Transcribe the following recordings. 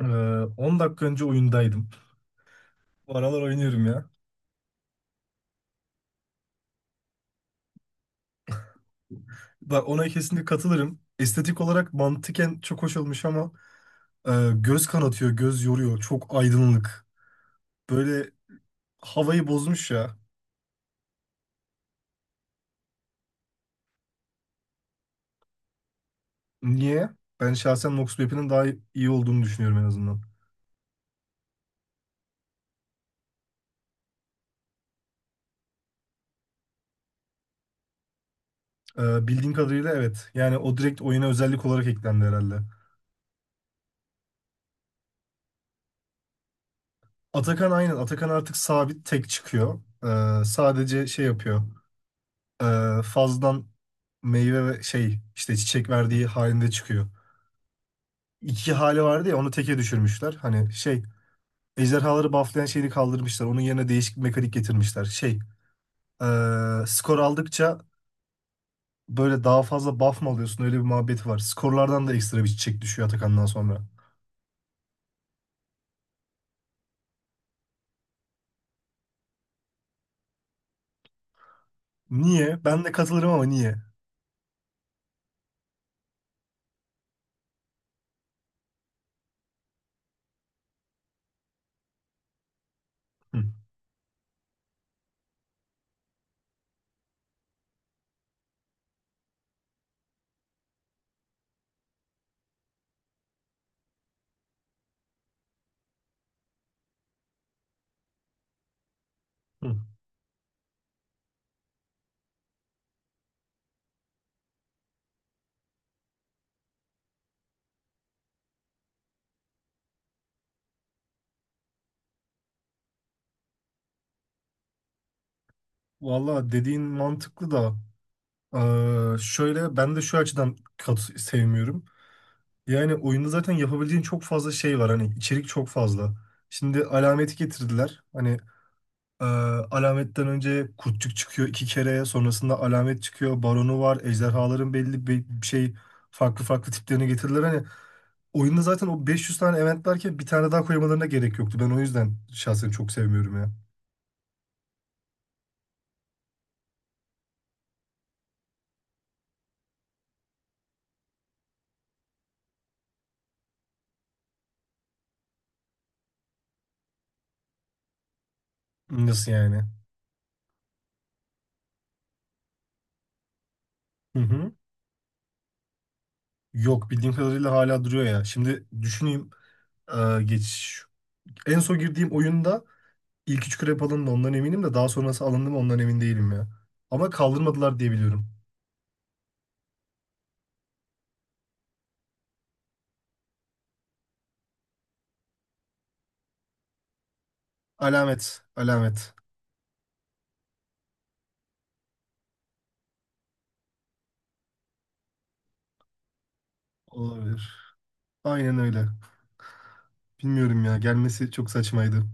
Ee, 10 dakika önce oyundaydım. Bu aralar oynuyorum ya. Bak ona kesinlikle katılırım. Estetik olarak mantıken çok hoş olmuş ama göz kanatıyor, göz yoruyor. Çok aydınlık. Böyle havayı bozmuş ya. Niye? Ben şahsen Nox Map'inin daha iyi olduğunu düşünüyorum en azından. Bildiğim kadarıyla evet. Yani o direkt oyuna özellik olarak eklendi herhalde. Atakan aynen. Atakan artık sabit tek çıkıyor. Sadece şey yapıyor. Fazladan meyve ve şey işte çiçek verdiği halinde çıkıyor. İki hali vardı ya, onu teke düşürmüşler. Hani şey, ejderhaları bufflayan şeyini kaldırmışlar. Onun yerine değişik bir mekanik getirmişler. Şey, skor aldıkça böyle daha fazla buff mı alıyorsun? Öyle bir muhabbeti var. Skorlardan da ekstra bir çiçek düşüyor Atakan'dan sonra. Niye? Ben de katılırım ama niye? Hı, hı. Valla dediğin mantıklı da şöyle ben de şu açıdan kat sevmiyorum. Yani oyunda zaten yapabileceğin çok fazla şey var. Hani içerik çok fazla. Şimdi alameti getirdiler. Hani, Ee, alametten önce kurtçuk çıkıyor iki kere. Sonrasında alamet çıkıyor. Baronu var. Ejderhaların belli bir şey, farklı farklı tiplerini getirdiler. Hani oyunda zaten o 500 tane eventlerken bir tane daha koymalarına gerek yoktu. Ben o yüzden şahsen çok sevmiyorum ya. Nasıl yani? Hı hı. Yok, bildiğim kadarıyla hala duruyor ya. Şimdi düşüneyim. Geç. En son girdiğim oyunda ilk üç krep alındı, ondan eminim de daha sonrası alındı mı ondan emin değilim ya. Ama kaldırmadılar diye biliyorum. Alamet. Alamet. Olabilir. Aynen öyle. Bilmiyorum ya, gelmesi çok saçmaydı.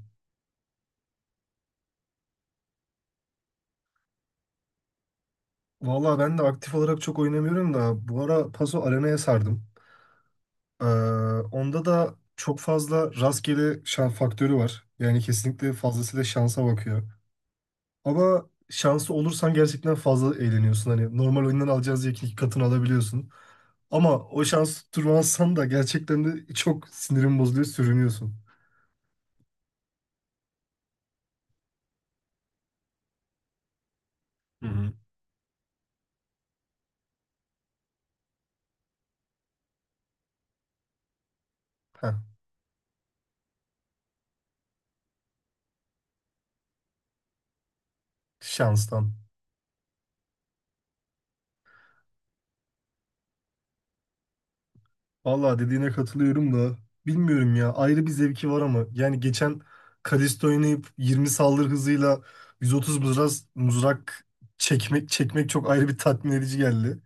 Vallahi ben de aktif olarak çok oynamıyorum da bu ara Paso Arena'ya sardım. Ee, Onda da çok fazla rastgele şans faktörü var. Yani kesinlikle fazlasıyla şansa bakıyor. Ama şansı olursan gerçekten fazla eğleniyorsun. Hani normal oyundan alacağız diye iki katını alabiliyorsun. Ama o şans tutturmazsan da gerçekten de çok sinirin bozuluyor, sürünüyorsun. Hı hı. Heh, şanstan. Vallahi dediğine katılıyorum da bilmiyorum ya, ayrı bir zevki var ama yani geçen Kalisto oynayıp 20 saldırı hızıyla 130 mızrak, mızrak çekmek çekmek çok ayrı bir tatmin edici geldi.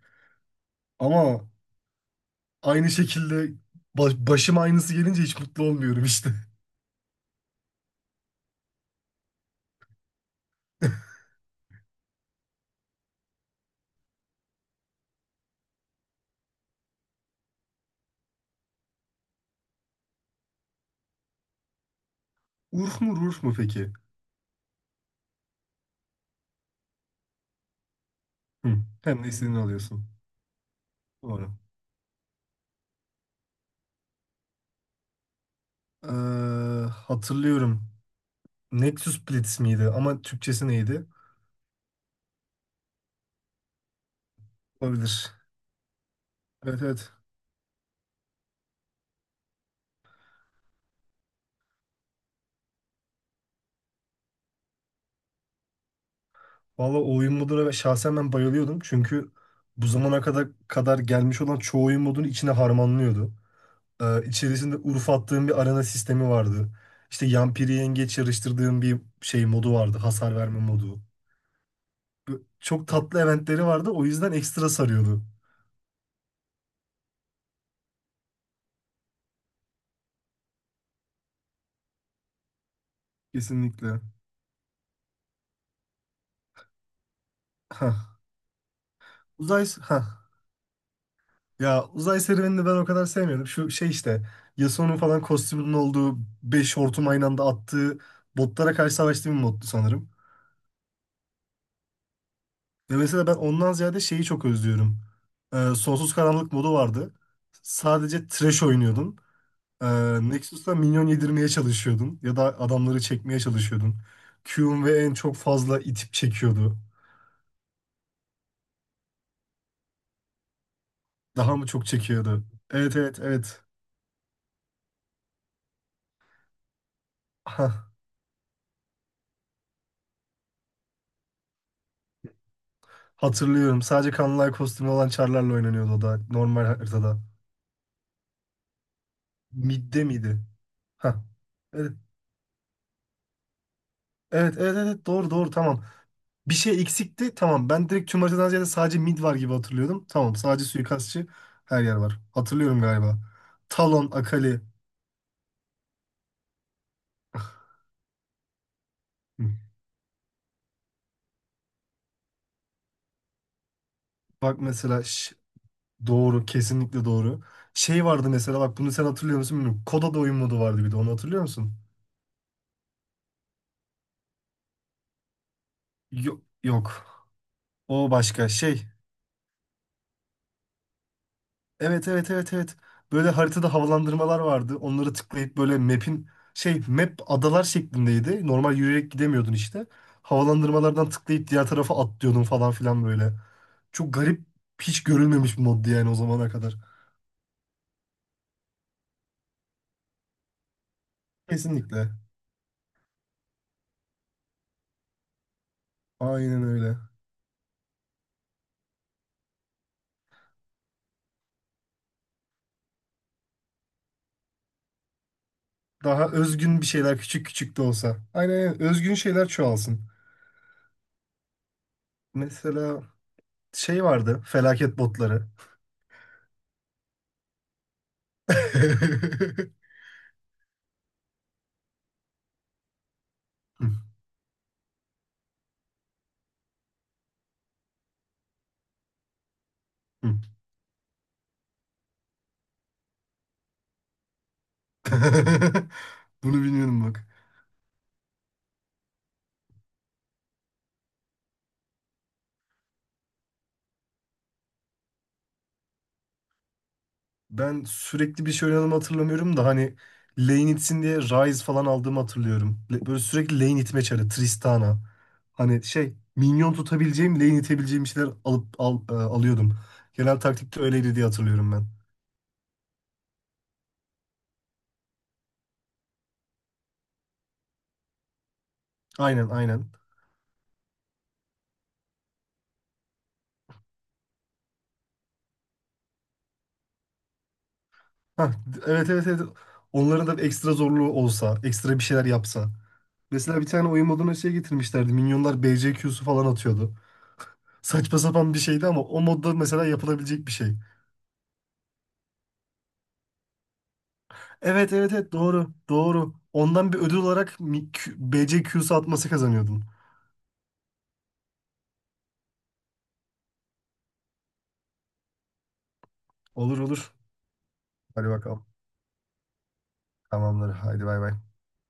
Ama aynı şekilde başım aynısı gelince hiç mutlu olmuyorum işte. Urf mu Rurf mu peki? Hı. Hem de istediğini alıyorsun. Doğru. Ee, Hatırlıyorum. Nexus Blitz miydi? Ama Türkçesi neydi? Olabilir. Evet evet. Valla o oyun moduna şahsen ben bayılıyordum. Çünkü bu zamana kadar gelmiş olan çoğu oyun modunu içine harmanlıyordu. İçerisinde Urf attığım bir arena sistemi vardı. İşte Yampiri yengeç yarıştırdığım bir şey modu vardı. Hasar verme modu. Çok tatlı eventleri vardı. O yüzden ekstra sarıyordu. Kesinlikle. Hah. Uzay... Hah. Ya uzay serüvenini ben o kadar sevmiyorum. Şu şey işte, Yasuo'nun falan kostümünün olduğu 5 hortum aynı anda attığı botlara karşı savaştığı bir moddu sanırım. Ya mesela ben ondan ziyade şeyi çok özlüyorum. Sonsuz Karanlık modu vardı. Sadece trash oynuyordun. Nexus'ta minyon yedirmeye çalışıyordun. Ya da adamları çekmeye çalışıyordun. Q'un ve en çok fazla itip çekiyordu. Daha mı çok çekiyordu? Evet evet evet. Hah, hatırlıyorum. Sadece kanlay kostümü olan Char'larla oynanıyordu, o da normal haritada. Midde miydi? Ha. Evet, evet, evet, evet, doğru, doğru, tamam. Bir şey eksikti, tamam. Ben direkt tüm haritadan ziyade sadece mid var gibi hatırlıyordum. Tamam, sadece suikastçı, her yer var. Hatırlıyorum galiba. Talon, Akali. Hı. Bak mesela ş- doğru, kesinlikle doğru. Şey vardı mesela, bak bunu sen hatırlıyor musun bilmiyorum. Koda da oyun modu vardı bir de, onu hatırlıyor musun? Yok, yok. O başka şey. Evet. Böyle haritada havalandırmalar vardı. Onları tıklayıp böyle map'in, map adalar şeklindeydi. Normal yürüyerek gidemiyordun işte. Havalandırmalardan tıklayıp diğer tarafa atlıyordun falan filan böyle. Çok garip, hiç görülmemiş bir moddu yani o zamana kadar. Kesinlikle. Aynen öyle. Daha özgün bir şeyler, küçük küçük de olsa. Aynen aynen. Özgün şeyler çoğalsın. Mesela şey vardı, felaket botları. Hı, hı. Bunu bilmiyorum bak. Ben sürekli bir şey oynadığımı hatırlamıyorum da hani lane itsin diye Ryze falan aldığımı hatırlıyorum. Böyle sürekli lane itme çarı, Tristana. Hani şey, minyon tutabileceğim, lane itebileceğim şeyler alıp alıyordum. Genel taktikte öyleydi diye hatırlıyorum ben. Aynen aynen. Hah, evet evet evet. Onların da ekstra zorluğu olsa, ekstra bir şeyler yapsa. Mesela bir tane oyun moduna şey getirmişlerdi. Minyonlar BCQ'su falan atıyordu. Saçma sapan bir şeydi ama o modda mesela yapılabilecek bir şey. Evet evet evet, doğru doğru. Ondan bir ödül olarak BCQ'su atması kazanıyordun. Olur olur. Hadi bakalım. Tamamdır. Haydi bay bay.